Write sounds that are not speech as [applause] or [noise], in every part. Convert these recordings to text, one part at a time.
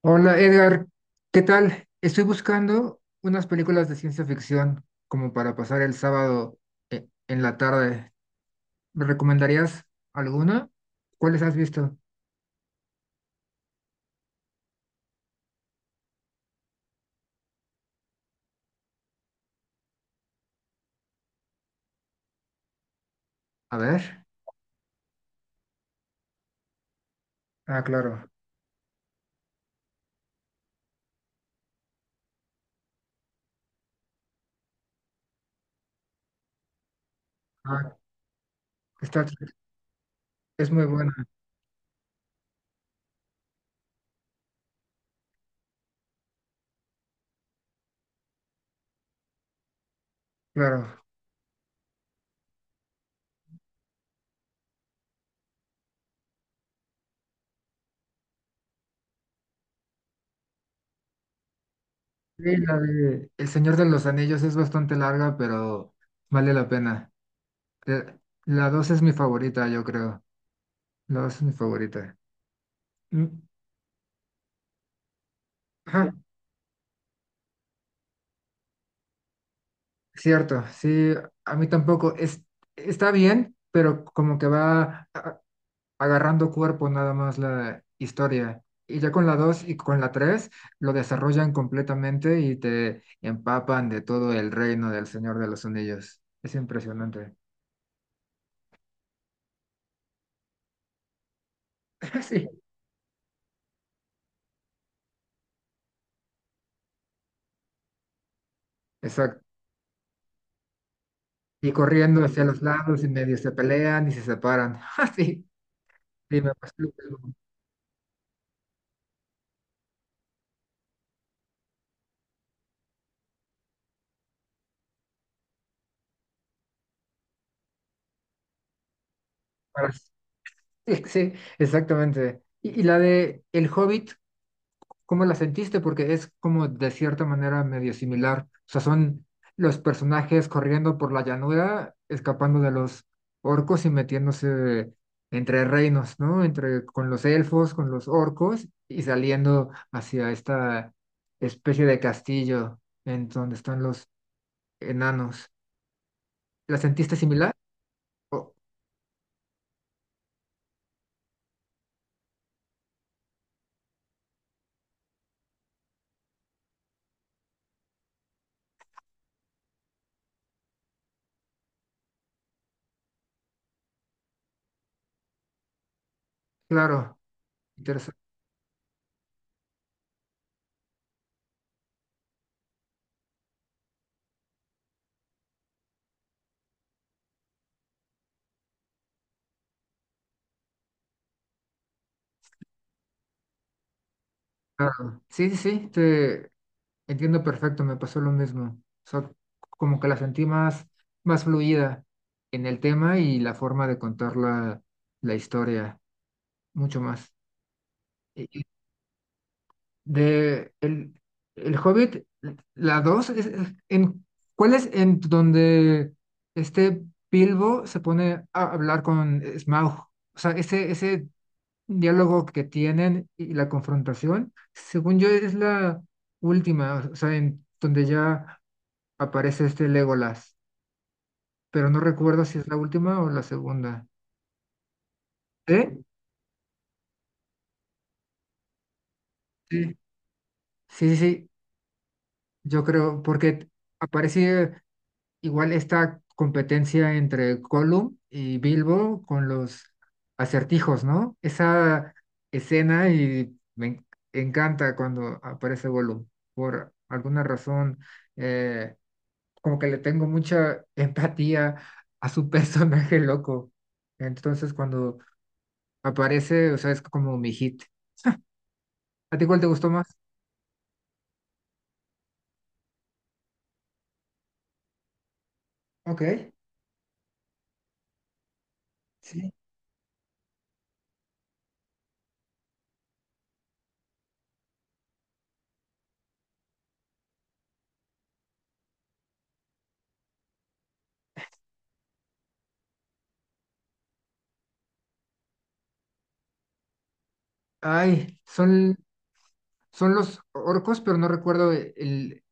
Hola Edgar, ¿qué tal? Estoy buscando unas películas de ciencia ficción como para pasar el sábado en la tarde. ¿Me recomendarías alguna? ¿Cuáles has visto? A ver. Ah, claro. Ah, Star Trek es muy buena, claro. Sí, la de El Señor de los Anillos es bastante larga, pero vale la pena. Eh, La 2 es mi favorita, yo creo. La 2 es mi favorita. Mm, ajá. Cierto, sí, a mí tampoco. Es, está bien, pero como que va agarrando cuerpo nada más la historia. Y ya con la 2 y con la 3 lo desarrollan completamente y te empapan de todo el reino del Señor de los Anillos. Es impresionante. [laughs] Sí, exacto. Y corriendo hacia los lados y medio se pelean y se separan. [laughs] Ah, sí, sí, me pasó lo mismo. Para- Sí, sí, exactamente. Y la de El Hobbit, ¿cómo la sentiste? Porque es como de cierta manera medio similar. O sea, son los personajes corriendo por la llanura, escapando de los orcos y metiéndose entre reinos, ¿no? Entre con los elfos, con los orcos y saliendo hacia esta especie de castillo en donde están los enanos. ¿La sentiste similar? Oh, claro, interesante. Claro. Sí, sí, sí, entiendo perfecto, me pasó lo mismo. O sea, como que la sentí más, más fluida en el tema y la forma de contar la historia, mucho más. Y de el Hobbit, la 2 ¿cuál es en donde este Bilbo se pone a hablar con Smaug? O sea, ese diálogo que tienen y la confrontación, según yo, es la última, o sea, en donde ya aparece este Legolas, pero no recuerdo si es la última o la segunda. ¿Sí? Sí, sí, sí, yo creo, porque aparece igual esta competencia entre Gollum y Bilbo con los acertijos, ¿no? Esa escena y me encanta cuando aparece Gollum. Por alguna razón, eh, como que le tengo mucha [laughs] empatía a su [laughs] personaje loco. Entonces, cuando Me parece, o sea, es como mi hit. ¿A ti cuál te gustó más? Ok, sí. Ay, son los orcos, pero no recuerdo el,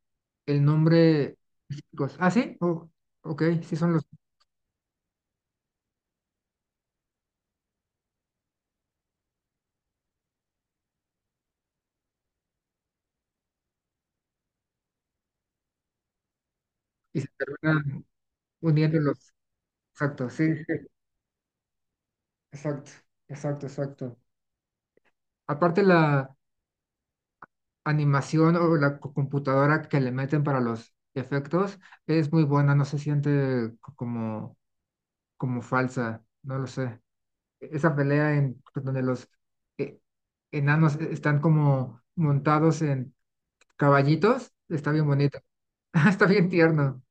el nombre específico. Ah, sí, oh, ok, sí son los. Y se terminan uniendo los. Exacto, sí, sí, exacto, exacto, exacto. Aparte la animación o la computadora que le meten para los efectos es muy buena, no se siente como falsa, no lo sé. Esa pelea en pues, donde los eh, enanos están como montados en caballitos, está bien bonito. [laughs] Está bien tierno.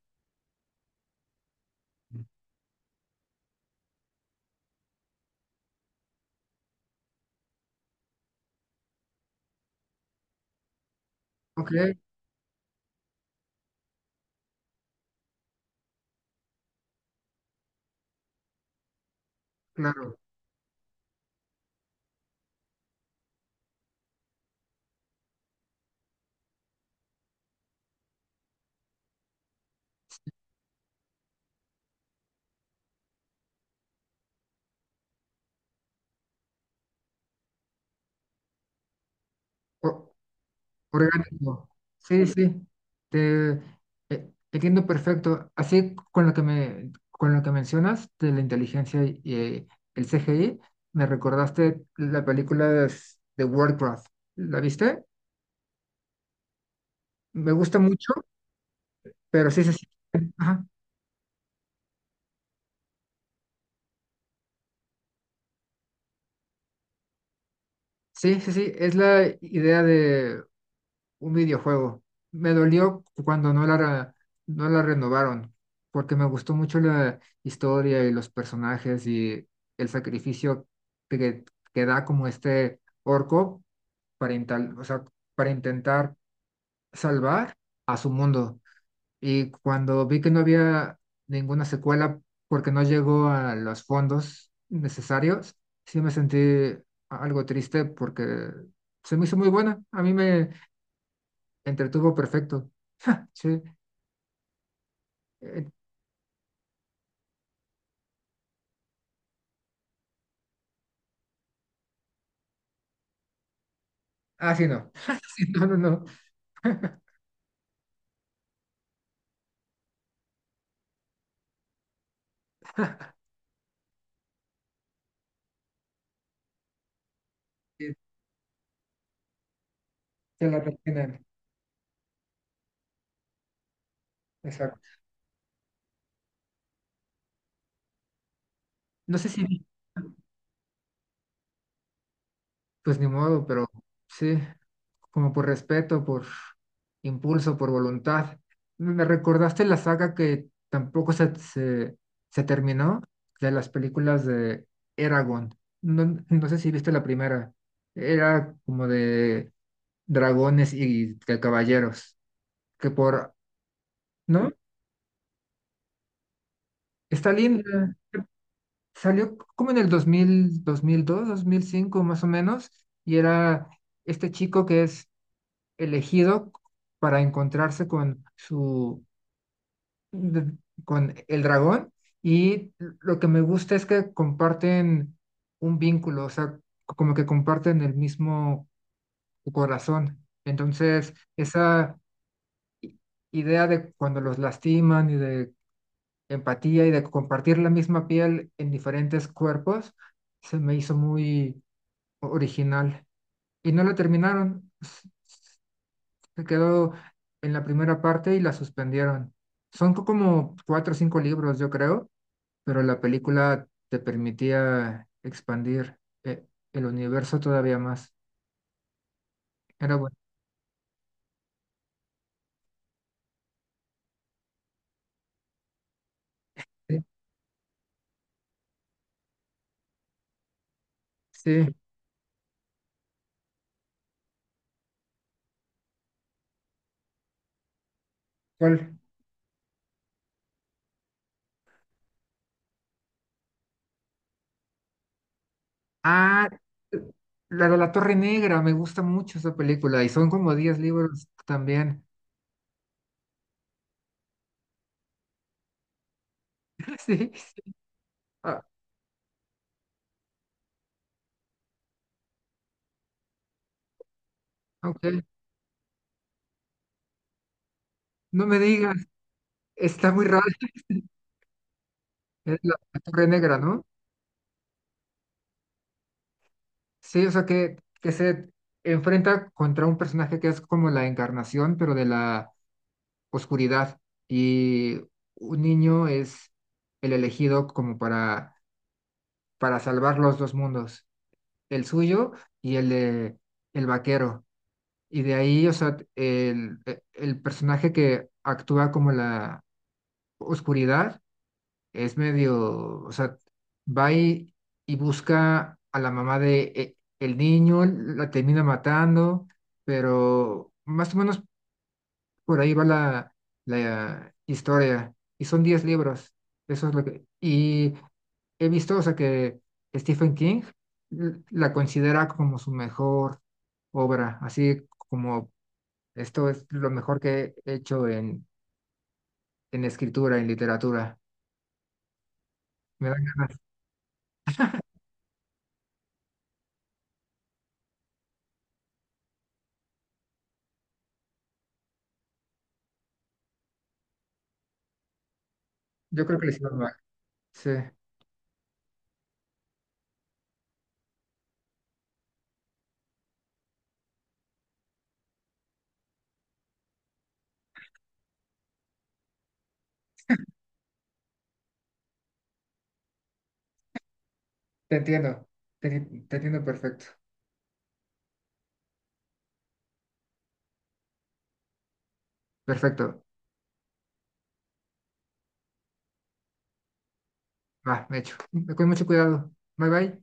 Ok, claro. O- Orgánico. Sí, sí. Te, Entiendo perfecto. Así con lo que mencionas de la inteligencia y, el CGI, me recordaste la película de Warcraft. ¿La viste? Me gusta mucho, pero sí se siente. Sí, sí, sí, es la idea de un videojuego. Me dolió cuando no la renovaron, porque me gustó mucho la historia y los personajes y el sacrificio que, que da como este orco o sea, para intentar salvar a su mundo. Y cuando vi que no había ninguna secuela porque no llegó a los fondos necesarios, sí me sentí algo triste porque se me hizo muy buena. A mí me entretuvo perfecto. [laughs] Sí. Eh, ah, sí, no. [laughs] Sí, no, no, no. [laughs] Sí, se la terminan. Exacto. No sé si, vi, pues ni modo, pero sí. Como por respeto, por impulso, por voluntad. Me recordaste la saga que tampoco se terminó de las películas de Eragon. No, no sé si viste la primera. Era como de dragones y de caballeros, que por, ¿no? Está linda. Salió como en el 2005 más o menos, y era este chico que es elegido para encontrarse con de- con el dragón y lo que me gusta es que comparten un vínculo, o sea, como que comparten el mismo corazón. Entonces, esa i- idea de cuando los lastiman y de empatía y de compartir la misma piel en diferentes cuerpos, se me hizo muy original. Y no la terminaron, se quedó en la primera parte y la suspendieron. Son como cuatro o cinco libros, yo creo, pero la película te permitía expandir eh, el universo todavía más. Era bueno. Sí, sí. ¿Cuál? Ah, la de la Torre Negra, me gusta mucho esa película y son como 10 libros también. [laughs] Sí, sí. Ah, ok. No me digas, está muy raro. Es la Torre Negra, ¿no? Sí, o sea que se enfrenta contra un personaje que es como la encarnación, pero de la oscuridad y un niño es el elegido como para, salvar los dos mundos, el suyo y el de el vaquero. Y de ahí, o sea, el personaje que actúa como la oscuridad es medio, o sea, va y busca a la mamá de el niño, la termina matando, pero más o menos por ahí va la historia. Y son 10 libros. Eso es lo que... Y he visto, o sea, que Stephen King la considera como su mejor obra, así como esto es lo mejor que he hecho en, escritura, en literatura. Me dan ganas. Yo creo que le hicieron mal. Sí, te entiendo. Te entiendo perfecto. Perfecto. Va, hecho. Con mucho cuidado. Bye bye.